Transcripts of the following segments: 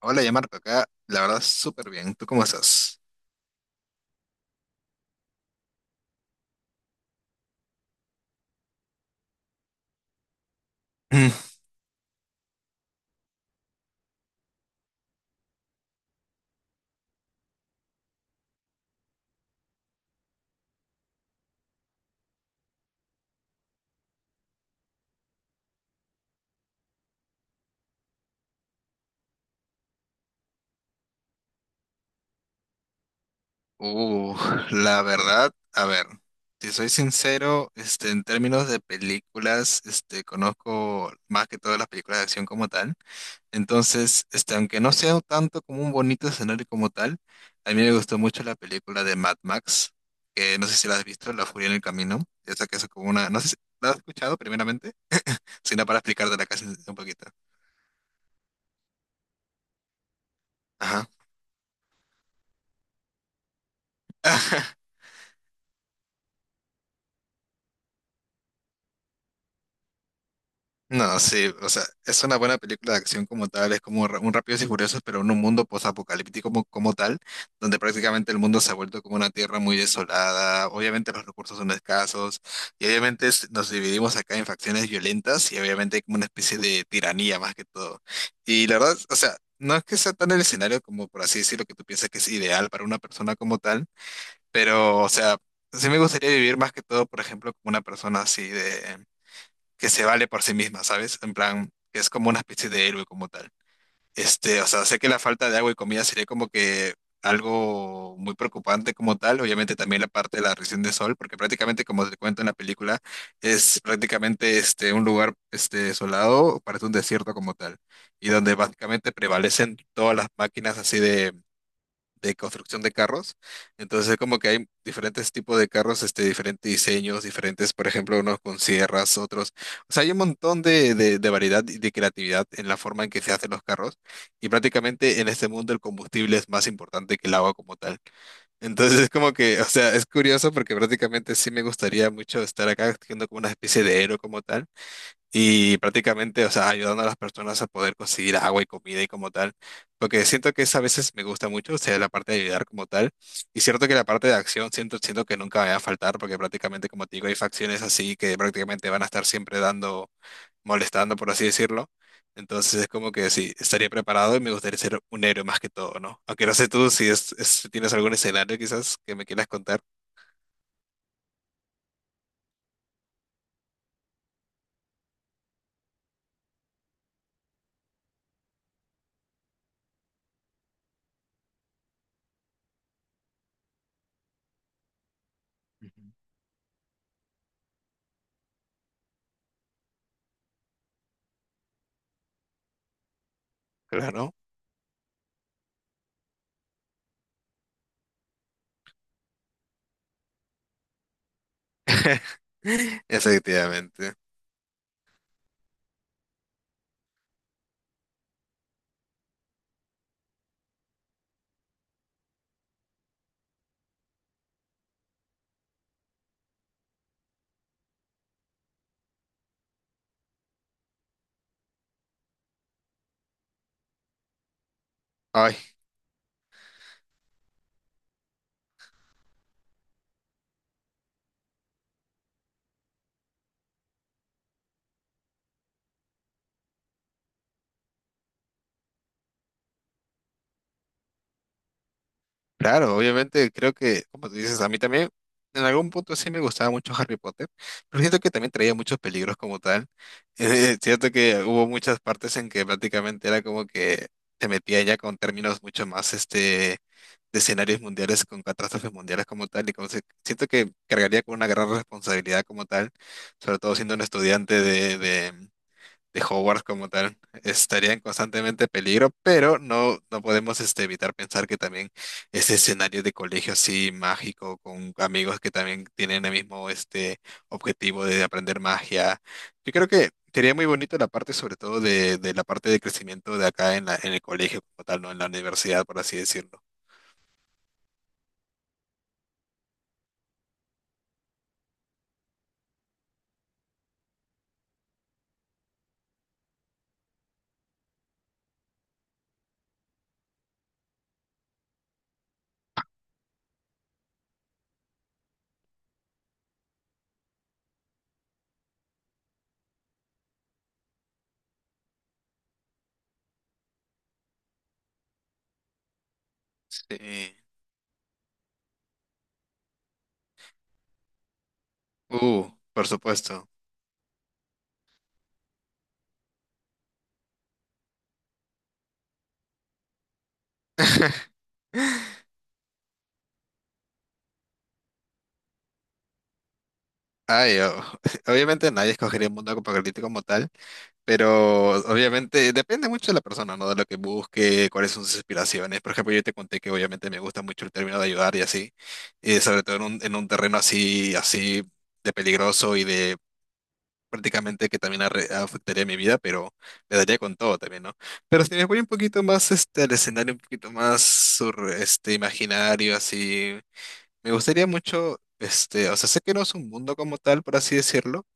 Hola, ya Marco, acá la verdad súper bien. ¿Tú cómo estás? Mm. Uh, la verdad, a ver, si soy sincero, este, en términos de películas, este, conozco más que todas las películas de acción como tal. Entonces, este, aunque no sea tanto como un bonito escenario como tal, a mí me gustó mucho la película de Mad Max, que no sé si la has visto, La Furia en el Camino. Esa que es como una, no sé si la has escuchado primeramente, sino para explicártela casi un poquito. Ajá. No, sí, o sea, es una buena película de acción como tal, es como un Rápidos y Furiosos, pero en un mundo posapocalíptico como tal, donde prácticamente el mundo se ha vuelto como una tierra muy desolada, obviamente los recursos son escasos, y obviamente nos dividimos acá en facciones violentas, y obviamente hay como una especie de tiranía más que todo. Y la verdad, o sea, no es que sea tan el escenario como, por así decirlo, que tú piensas que es ideal para una persona como tal, pero, o sea, sí me gustaría vivir más que todo, por ejemplo, como una persona así que se vale por sí misma, ¿sabes? En plan, que es como una especie de héroe como tal. Este, o sea, sé que la falta de agua y comida sería como que algo muy preocupante como tal, obviamente también la parte de la región de sol, porque prácticamente como te cuento en la película, es prácticamente este un lugar este desolado, parece un desierto como tal, y donde básicamente prevalecen todas las máquinas así de construcción de carros. Entonces es como que hay diferentes tipos de carros, este, diferentes diseños, diferentes, por ejemplo, unos con sierras, otros. O sea, hay un montón de variedad y de creatividad en la forma en que se hacen los carros. Y prácticamente en este mundo el combustible es más importante que el agua como tal. Entonces es como que, o sea, es curioso porque prácticamente sí me gustaría mucho estar acá haciendo como una especie de héroe como tal y prácticamente, o sea, ayudando a las personas a poder conseguir agua y comida y como tal, porque siento que esa a veces me gusta mucho, o sea, la parte de ayudar como tal, y cierto que la parte de acción siento que nunca me va a faltar, porque prácticamente, como te digo, hay facciones así que prácticamente van a estar siempre dando, molestando, por así decirlo, entonces es como que sí, estaría preparado y me gustaría ser un héroe más que todo, ¿no? Aunque no sé tú si tienes algún escenario quizás que me quieras contar. Claro. Efectivamente. Ay, claro, obviamente creo que, como tú dices, a mí también en algún punto sí me gustaba mucho Harry Potter, pero siento que también traía muchos peligros como tal. Siento que hubo muchas partes en que prácticamente era como que se metía ya con términos mucho más este de escenarios mundiales, con catástrofes mundiales como tal, y como siento que cargaría con una gran responsabilidad como tal, sobre todo siendo un estudiante de, de, Hogwarts como tal estaría en constantemente peligro, pero no, no podemos este, evitar pensar que también ese escenario de colegio así mágico, con amigos que también tienen el mismo este, objetivo de aprender magia, yo creo que sería muy bonito la parte sobre todo de la parte de crecimiento de acá en en el colegio como tal, ¿no? En la universidad, por así decirlo. Sí. Por supuesto. Ay, obviamente nadie escogería un mundo apocalíptico como tal. Pero obviamente depende mucho de la persona, ¿no? De lo que busque, cuáles son sus aspiraciones. Por ejemplo, yo te conté que obviamente me gusta mucho el término de ayudar y así, sobre todo en un terreno así, así de peligroso y de prácticamente que también afectaría mi vida, pero le daría con todo también, ¿no? Pero si me voy un poquito más este, al escenario, un poquito más sur, este, imaginario, así, me gustaría mucho, este, o sea, sé que no es un mundo como tal, por así decirlo,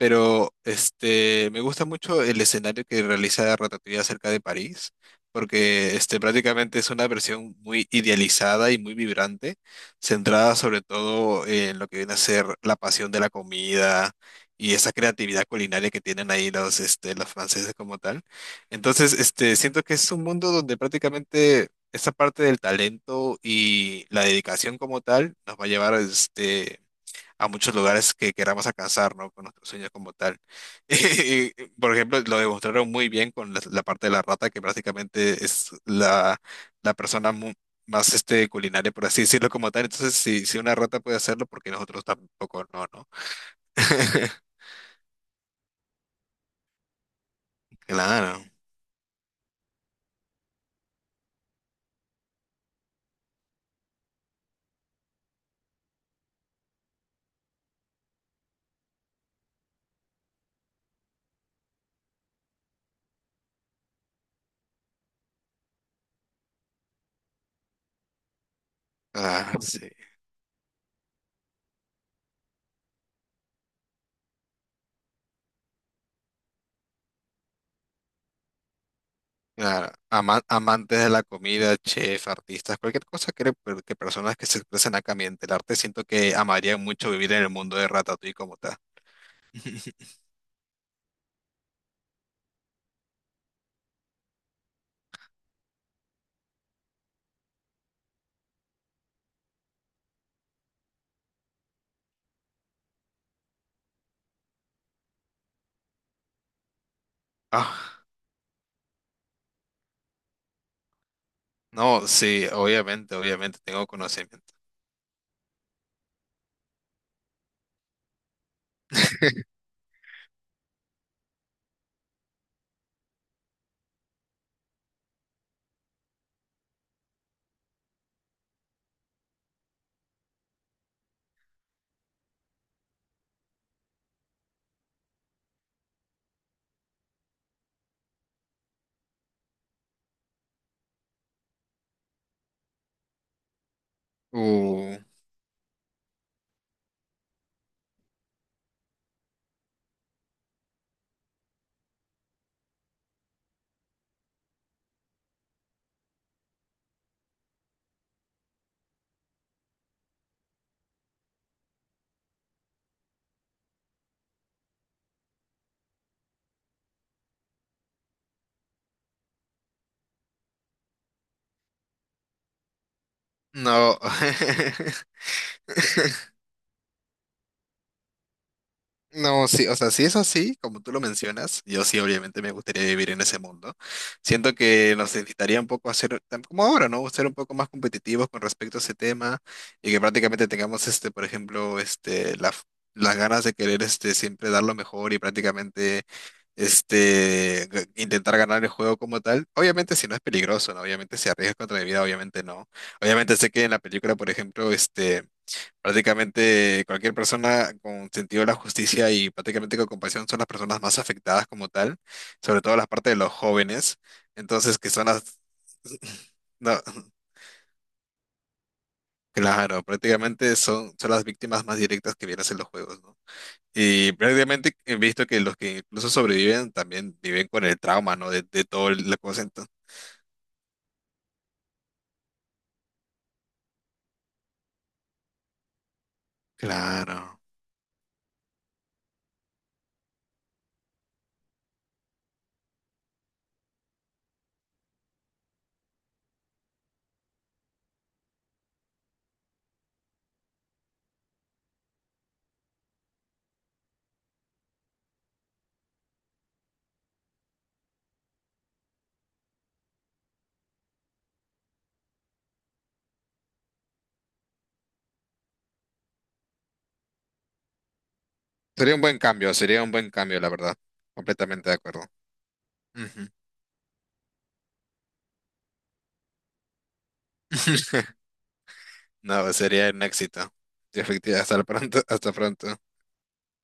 pero este, me gusta mucho el escenario que realiza Ratatouille acerca de París, porque este, prácticamente es una versión muy idealizada y muy vibrante, centrada sobre todo en lo que viene a ser la pasión de la comida y esa creatividad culinaria que tienen ahí los, este, los franceses como tal. Entonces, este, siento que es un mundo donde prácticamente esa parte del talento y la dedicación como tal nos va a llevar este, a muchos lugares que queramos alcanzar, ¿no? Con nuestros sueños como tal. Y, por ejemplo, lo demostraron muy bien con la parte de la rata, que prácticamente es la persona más este, culinaria, por así decirlo, como tal. Entonces, si una rata puede hacerlo, porque nosotros tampoco no, ¿no? Claro, claro, sí. Claro, amantes de la comida, chef, artistas, cualquier cosa que personas que se expresan acá en el arte, siento que amarían mucho vivir en el mundo de Ratatouille como tal. Ah. No, sí, obviamente, obviamente tengo conocimiento. Uh, no. No, sí, o sea, si es así, como tú lo mencionas, yo sí obviamente me gustaría vivir en ese mundo. Siento que nos necesitaría un poco hacer, tan como ahora, ¿no? Ser un poco más competitivos con respecto a ese tema y que prácticamente tengamos, este, por ejemplo, este, las ganas de querer, este, siempre dar lo mejor y prácticamente, este, intentar ganar el juego como tal. Obviamente si no es peligroso, ¿no? Obviamente si arriesgas contra mi vida, obviamente no. Obviamente sé que en la película, por ejemplo, este, prácticamente cualquier persona con sentido de la justicia y prácticamente con compasión son las personas más afectadas como tal, sobre todo las partes de los jóvenes, entonces que son las... No, claro, prácticamente son, son, las víctimas más directas que vienes en los juegos, ¿no? Y prácticamente he visto que los que incluso sobreviven también viven con el trauma, ¿no? de todo la cosa. Claro. Sería un buen cambio, sería un buen cambio, la verdad. Completamente de acuerdo. Ujú. No, sería un éxito. Efectivamente, hasta pronto.